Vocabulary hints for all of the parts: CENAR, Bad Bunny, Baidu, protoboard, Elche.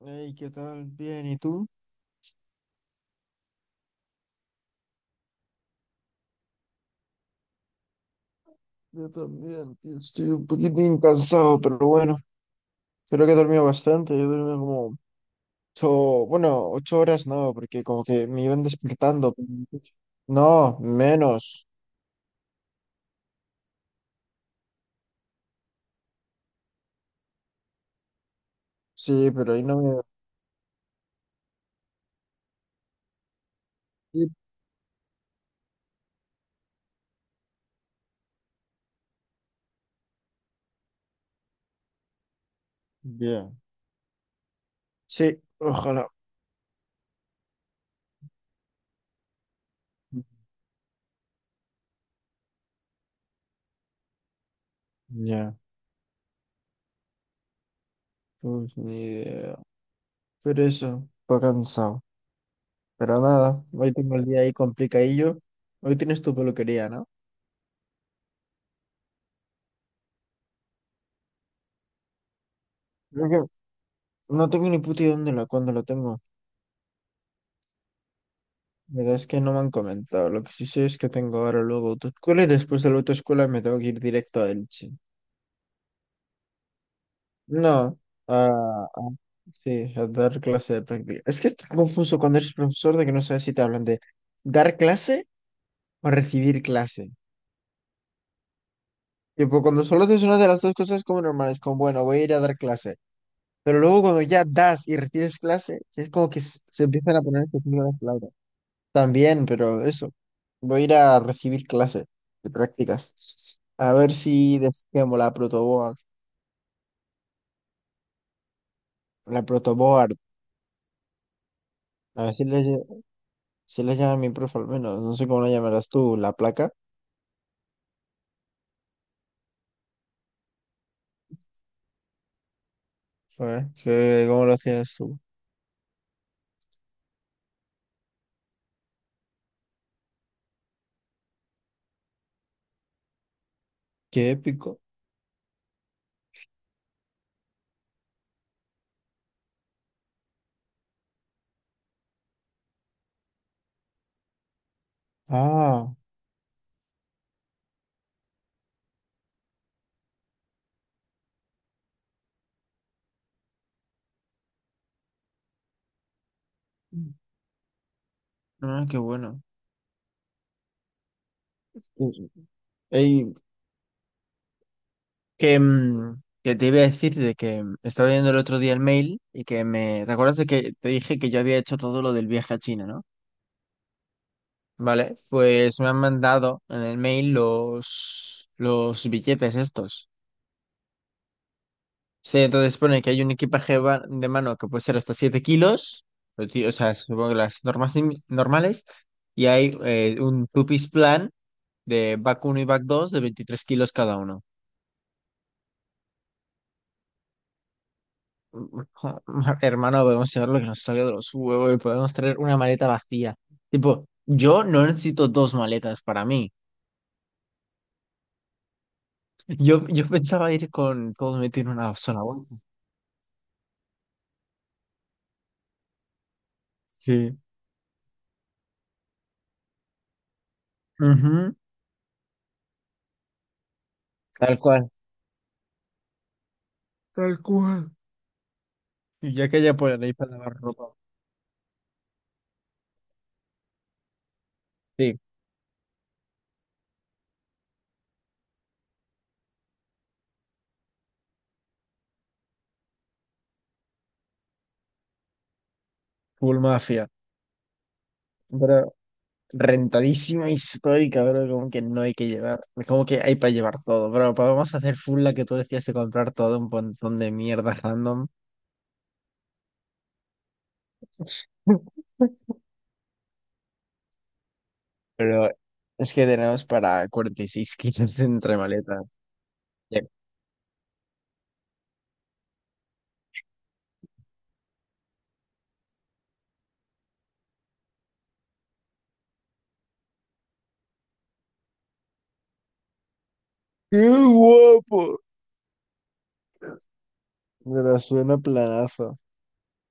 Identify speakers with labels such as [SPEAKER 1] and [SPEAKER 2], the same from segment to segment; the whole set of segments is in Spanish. [SPEAKER 1] Hey, ¿qué tal? Bien, ¿y tú? Yo también, tío, estoy un poquitín cansado, pero bueno, creo que he dormido bastante. Yo he dormido como ocho, bueno, ocho horas no, porque como que me iban despertando. No, menos. Sí, pero ahí no me. Sí. Bien. Sí, ojalá. Ya, pues ni idea. Pero eso, estoy cansado. Pero nada, hoy tengo el día ahí complicadillo. Hoy tienes tu peluquería, ¿no? Creo que no tengo ni puta idea dónde la, cuándo la tengo. La verdad es que no me han comentado. Lo que sí sé es que tengo ahora luego autoescuela y después de la autoescuela me tengo que ir directo a Elche. No, a, a- sí, a dar clase de práctica. Es que está confuso cuando eres profesor de que no sabes si te hablan de dar clase o recibir clase. Tipo, cuando solo haces una de las dos cosas es como normal, es como, bueno, voy a ir a dar clase. Pero luego cuando ya das y recibes clase, es como que se empiezan a poner específicas las palabras. También, pero eso. Voy a ir a recibir clases de prácticas. A ver si desquemo la protoboard. La protoboard. A ver si si le llama mi profe al menos. No sé cómo la llamarás tú, la placa. A ver, ¿cómo lo hacías tú? Qué épico. Ah, ah, qué bueno. Sí. Ey, que, que te iba a decir de que estaba viendo el otro día el mail y que me... ¿Te acuerdas de que te dije que yo había hecho todo lo del viaje a China, ¿no? Vale, pues me han mandado en el mail los billetes estos. Sí, entonces pone que hay un equipaje de mano que puede ser hasta 7 kilos, o o sea, supongo que las normas normales, y hay un two-piece plan de back 1 y back 2 de 23 kilos cada uno. Hermano, podemos llevar lo que nos salga de los huevos y podemos traer una maleta vacía. Tipo, yo no necesito dos maletas para mí. Yo pensaba ir con todo metido en una sola bolsa. Sí. Ujú. Tal cual. Tal cual. Y ya que ella por ahí para lavar ropa. Sí, full mafia. Pero rentadísima histórica, bro. Como que no hay que llevar. Es como que hay para llevar todo. Pero vamos a hacer full la que tú decías de comprar todo un montón de mierdas random. Pero es que tenemos para 46 kilos entre maletas. Ya. ¡Qué guapo! Pero suena planazo.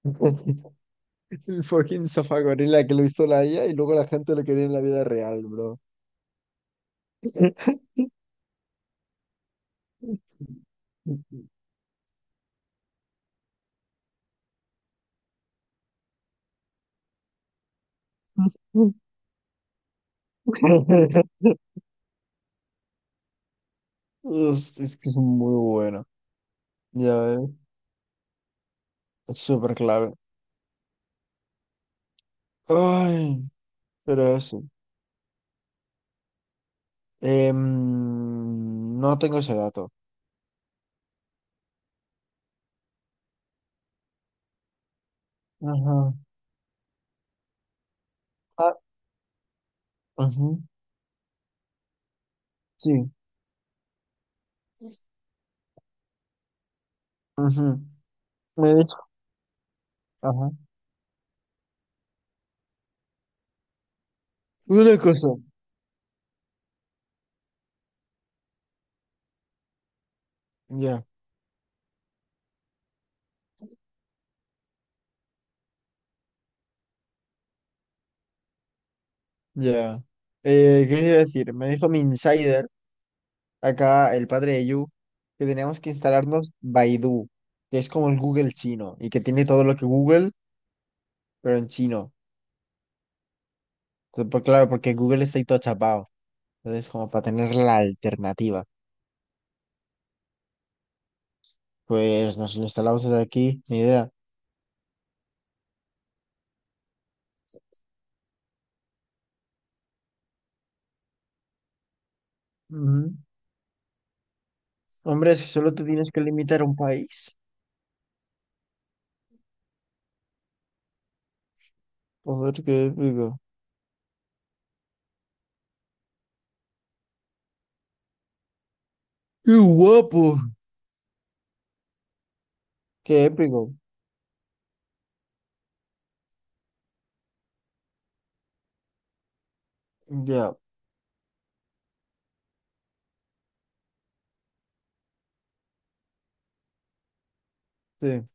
[SPEAKER 1] El fucking sofá gorila que lo hizo la IA y luego la gente lo quería en la vida real, bro. Es que es muy bueno. Ya ves, es súper clave. Ay, pero eso. No tengo ese dato. Ajá. Ah, ujú. Sí. Ujú. Me dijo. Ajá. Una cosa. Ya, ya. ¿Qué iba a decir? Me dijo mi insider, acá el padre de Yu, que teníamos que instalarnos Baidu, que es como el Google chino y que tiene todo lo que Google, pero en chino. Entonces, claro, porque Google está ahí todo chapado. Entonces, como para tener la alternativa. Pues nos lo instalamos desde aquí, ni idea. Ujú. Hombre, si solo te tienes que limitar a un país. Joder, qué épico. ¡Qué guapo! ¡Qué épico! Ya, sí.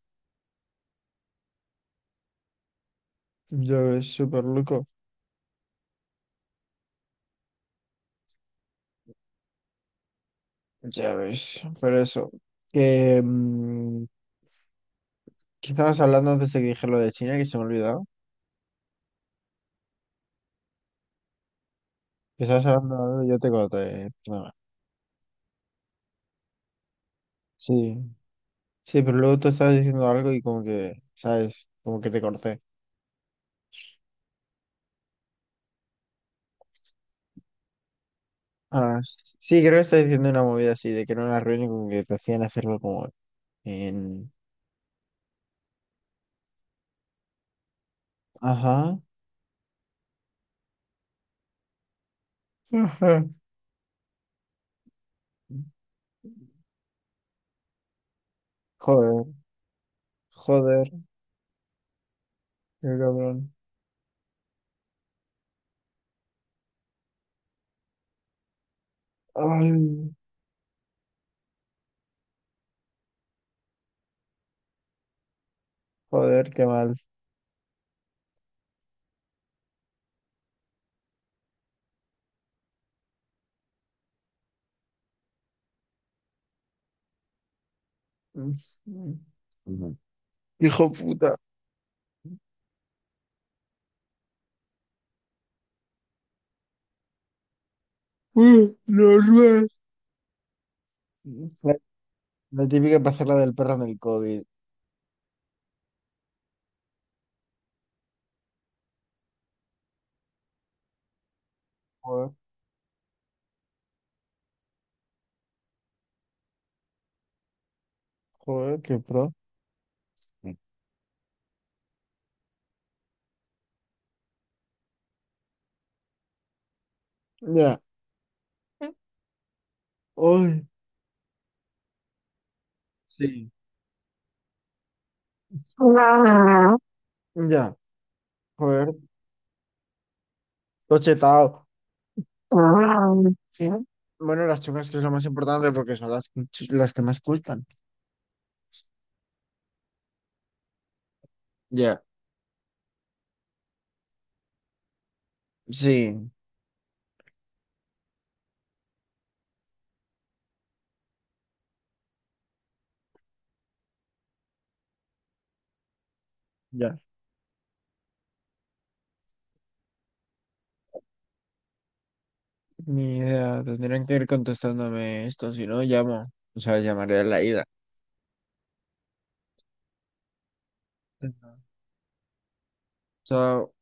[SPEAKER 1] Ya ves, súper loco. Ya ves, pero eso. Que, ¿qué estabas hablando antes de que dije lo de China, que se me ha olvidado? Que estabas hablando, yo te conté. Bueno, sí. Sí, pero luego tú estabas diciendo algo y como que, ¿sabes? Como que te corté. Ah, sí, creo que estabas diciendo una movida así, de que era una reunión y como que te hacían hacerlo como en... Ajá. Ajá. Joder, joder, qué cabrón. Ay, joder, qué mal. Ujú. Hijo puta. Los nuevos. La, la típica pasarla del perro en el COVID. Joder, joder, qué pro. Ya. Ay, sí. Ya, joder, tochetado. Bueno, las chungas que es lo más importante porque son las, las que más gustan. Ya, sí, ya. Ni idea, tendrían que ir contestándome esto, si no llamo. O sea, llamaré a la ida. Ajá. Chao.